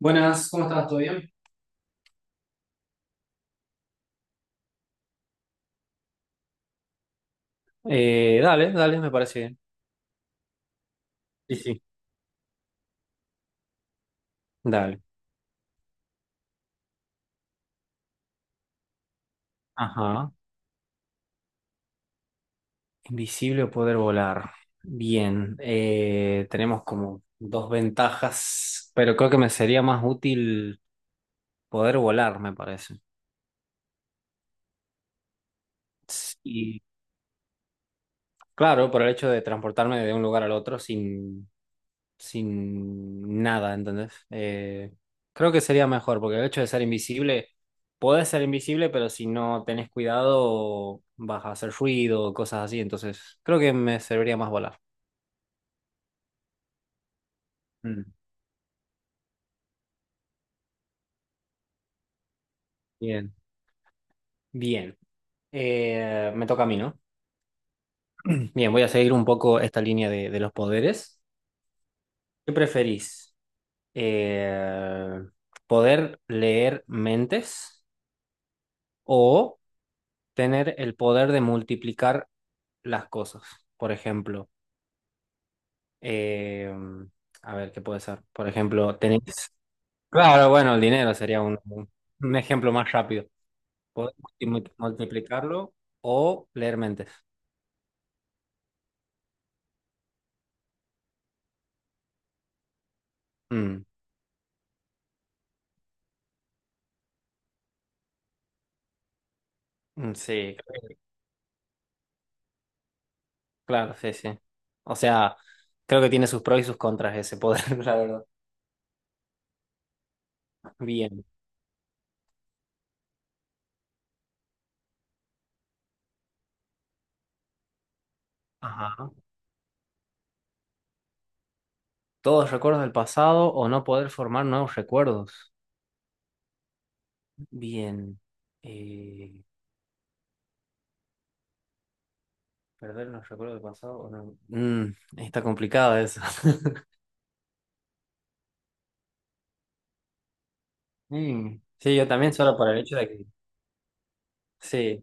Buenas, ¿cómo estás? ¿Todo bien? Dale, dale, me parece bien. Sí, sí. Dale. Ajá. Invisible o poder volar. Bien. Tenemos como dos ventajas, pero creo que me sería más útil poder volar, me parece. Y claro, por el hecho de transportarme de un lugar al otro sin. Sin nada, ¿entendés? Creo que sería mejor, porque el hecho de ser invisible, podés ser invisible, pero si no tenés cuidado vas a hacer ruido, cosas así, entonces creo que me serviría más volar. Mm. Bien. Bien. Me toca a mí, ¿no? Bien, voy a seguir un poco esta línea de los poderes. ¿Qué preferís? Eh, ¿Poder leer mentes o tener el poder de multiplicar las cosas? Por ejemplo, Eh, a ver, ¿qué puede ser? Por ejemplo, tenéis... Claro, bueno, el dinero sería un ejemplo más rápido. Podés multiplicarlo o leer mentes. Mm, mm, sí, claro, sí, sí. O sea, creo que tiene sus pros y sus contras ese poder, la verdad. Bien. Ajá. Todos recuerdos del pasado o no poder formar nuevos recuerdos. Bien. Eh, ¿Perder los recuerdos del pasado o no? Mm, está complicado eso. Mm, sí, yo... Sí.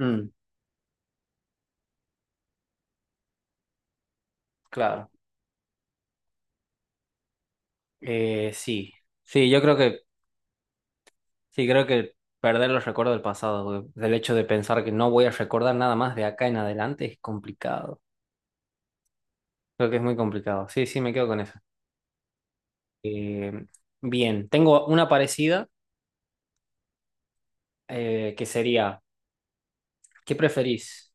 Mm, claro. Sí. Sí, yo creo que, sí, creo que perder los recuerdos del pasado, güey, del hecho de pensar que no voy a recordar nada más de acá en adelante es complicado. Creo que es muy complicado. Sí, sí, me quedo con eso. Eh, Bien, tengo una parecida que sería, ¿qué preferís?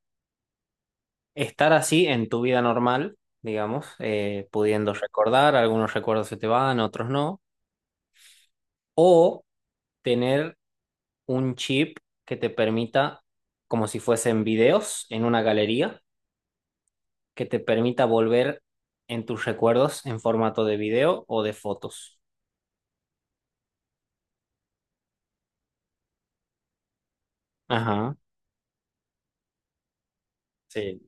Estar así en tu vida normal, digamos, pudiendo recordar, algunos recuerdos se te van, otros no, o tener un chip que te permita, como si fuesen videos en una galería, que te permita volver en tus recuerdos en formato de video o de fotos. Ajá, sí.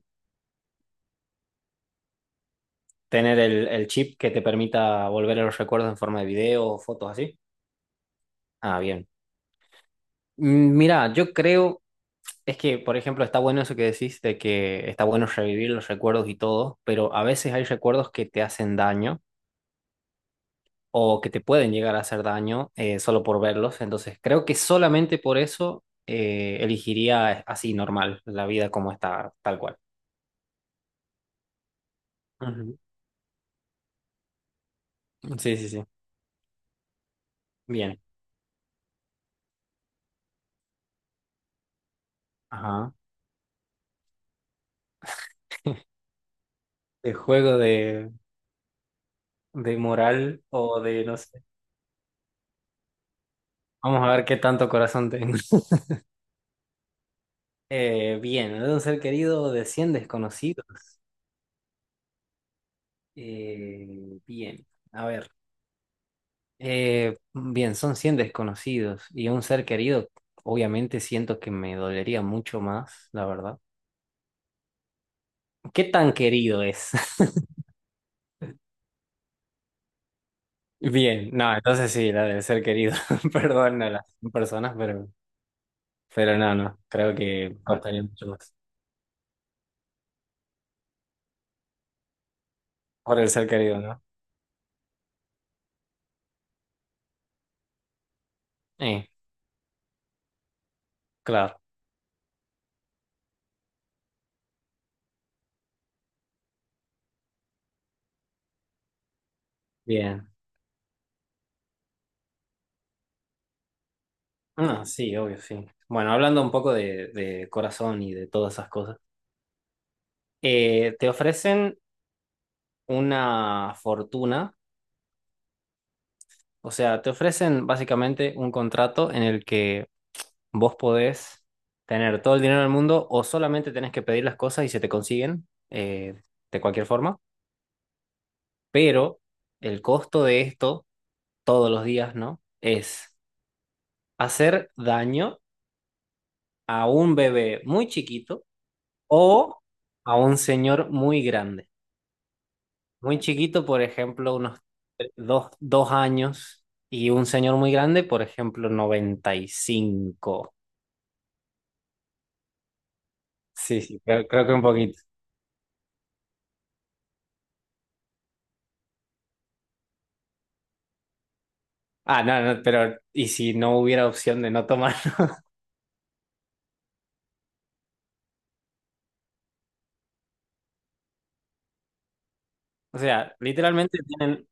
Tener el chip que te permita volver a los recuerdos en forma de video o fotos así. Ah, bien. Mm, mira, yo creo, es que, por ejemplo, está bueno eso que decís de que está bueno revivir los recuerdos y todo, pero a veces hay recuerdos que te hacen daño o que te pueden llegar a hacer daño, solo por verlos. Entonces, creo que solamente por eso elegiría así normal, la vida como está, tal cual. Ujú. Sí, sí, sí. Bien. Ajá. De juego de moral o de, no sé. Vamos a ver qué tanto corazón tengo. Bien, de un ser querido o de 100 desconocidos. Eh, bien, a ver. Bien, son 100 desconocidos y un ser querido, obviamente siento que me dolería mucho más, la verdad. ¿Qué tan querido es? Bien, no, entonces sí, la del ser querido. Perdón a las personas, pero no, no, creo que costaría mucho más. Por el ser querido, ¿no? Eh, claro, bien. No, sí, obvio, sí. Bueno, hablando un poco de corazón y de todas esas cosas, te ofrecen una fortuna. O sea, te ofrecen básicamente un contrato en el que vos podés tener todo el dinero del mundo o solamente tenés que pedir las cosas y se te consiguen, de cualquier forma. Pero el costo de esto todos los días, ¿no? Es hacer daño a un bebé muy chiquito o a un señor muy grande. Muy chiquito, por ejemplo, unos dos, 2 años y un señor muy grande, por ejemplo, 95. Sí, sí, creo, creo que un poquito. Ah, no, no, pero ¿y si no hubiera opción de no tomar? O sea, literalmente tienen...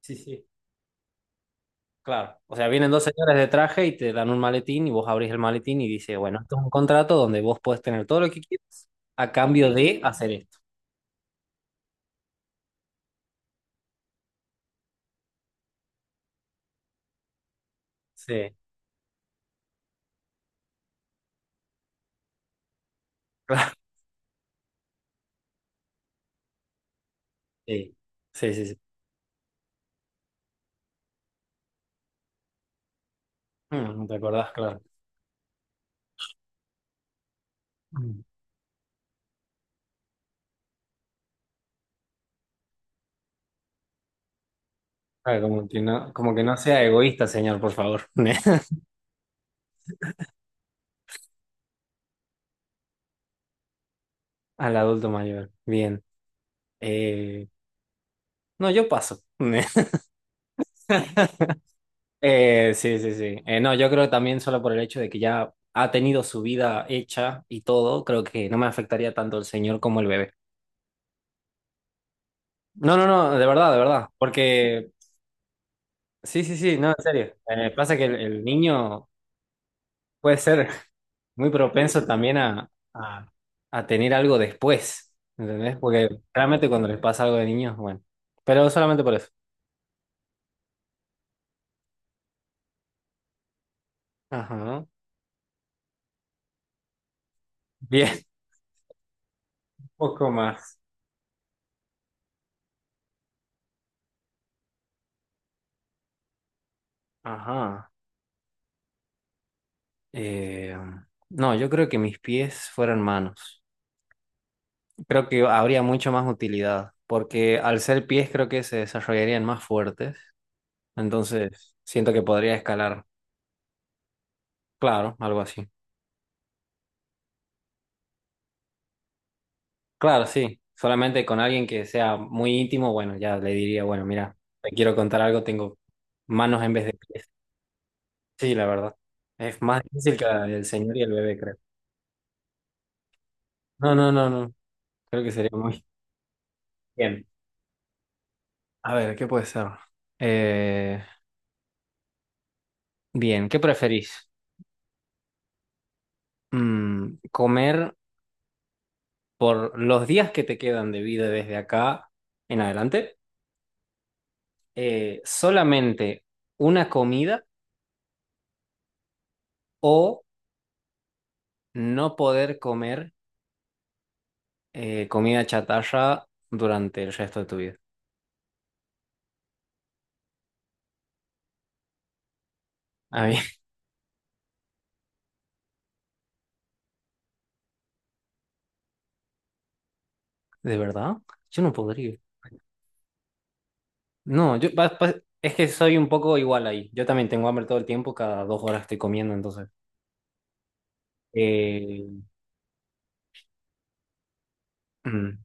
Sí, sí, claro. O sea, vienen dos señores de traje y te dan un maletín y vos abrís el maletín y dice, bueno, esto es un contrato donde vos podés tener todo lo que quieras a cambio de hacer esto. Sí, claro. Sí, sí, sí. Sí. Mm, ¿no te acordás? Claro. Mm. Claro, como que no sea egoísta, señor, por favor. Al adulto mayor. Bien. Eh, no, yo paso. Sí, sí, sí. No, yo creo que también solo por el hecho de que ya ha tenido su vida hecha y todo, creo que no me afectaría tanto el señor como el bebé. No, no, no, de verdad, de verdad. Porque, sí, sí, sí, no, en serio. Pasa que el niño puede ser muy propenso también a tener algo después, ¿entendés? Porque realmente cuando les pasa algo de niños, bueno. Pero solamente por eso. Ajá. Bien, un poco más. Ajá. Eh, no, yo creo que mis pies fueran manos. Creo que habría mucho más utilidad, porque al ser pies creo que se desarrollarían más fuertes, entonces siento que podría escalar, claro, algo así. Claro, sí, solamente con alguien que sea muy íntimo, bueno, ya le diría, bueno, mira, te quiero contar algo, tengo manos en vez de pies. Sí, la verdad, es más difícil que la del señor y el bebé, creo. No, no, no, no, creo que sería muy bien. A ver, ¿qué puede ser? Eh, Bien, ¿qué preferís? Mm, ¿comer por los días que te quedan de vida desde acá en adelante, solamente una comida o no poder comer, comida chatarra durante el resto de tu vida? A mí, ¿de verdad? Yo no podría. No, yo es que soy un poco igual ahí. Yo también tengo hambre todo el tiempo, cada 2 horas estoy comiendo, entonces. Eh, mm.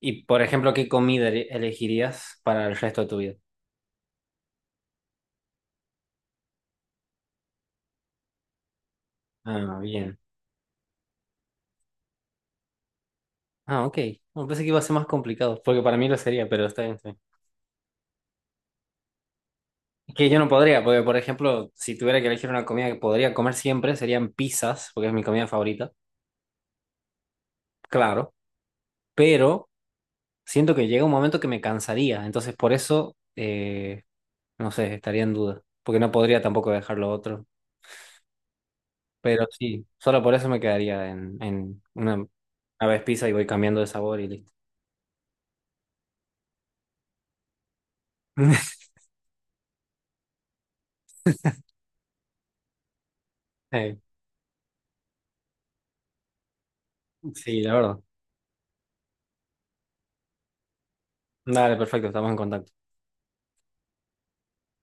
Y, por ejemplo, ¿qué comida elegirías para el resto de tu vida? Ah, bien. Ah, ok. No, pensé que iba a ser más complicado, porque para mí lo sería, pero está bien, está bien. Es que yo no podría, porque por ejemplo, si tuviera que elegir una comida que podría comer siempre, serían pizzas, porque es mi comida favorita, claro, pero siento que llega un momento que me cansaría, entonces por eso, no sé, estaría en duda, porque no podría tampoco dejar lo otro, pero sí, solo por eso me quedaría en una vez pizza y voy cambiando de sabor y listo. Eh, Sí, la verdad. Dale, perfecto, estamos en contacto.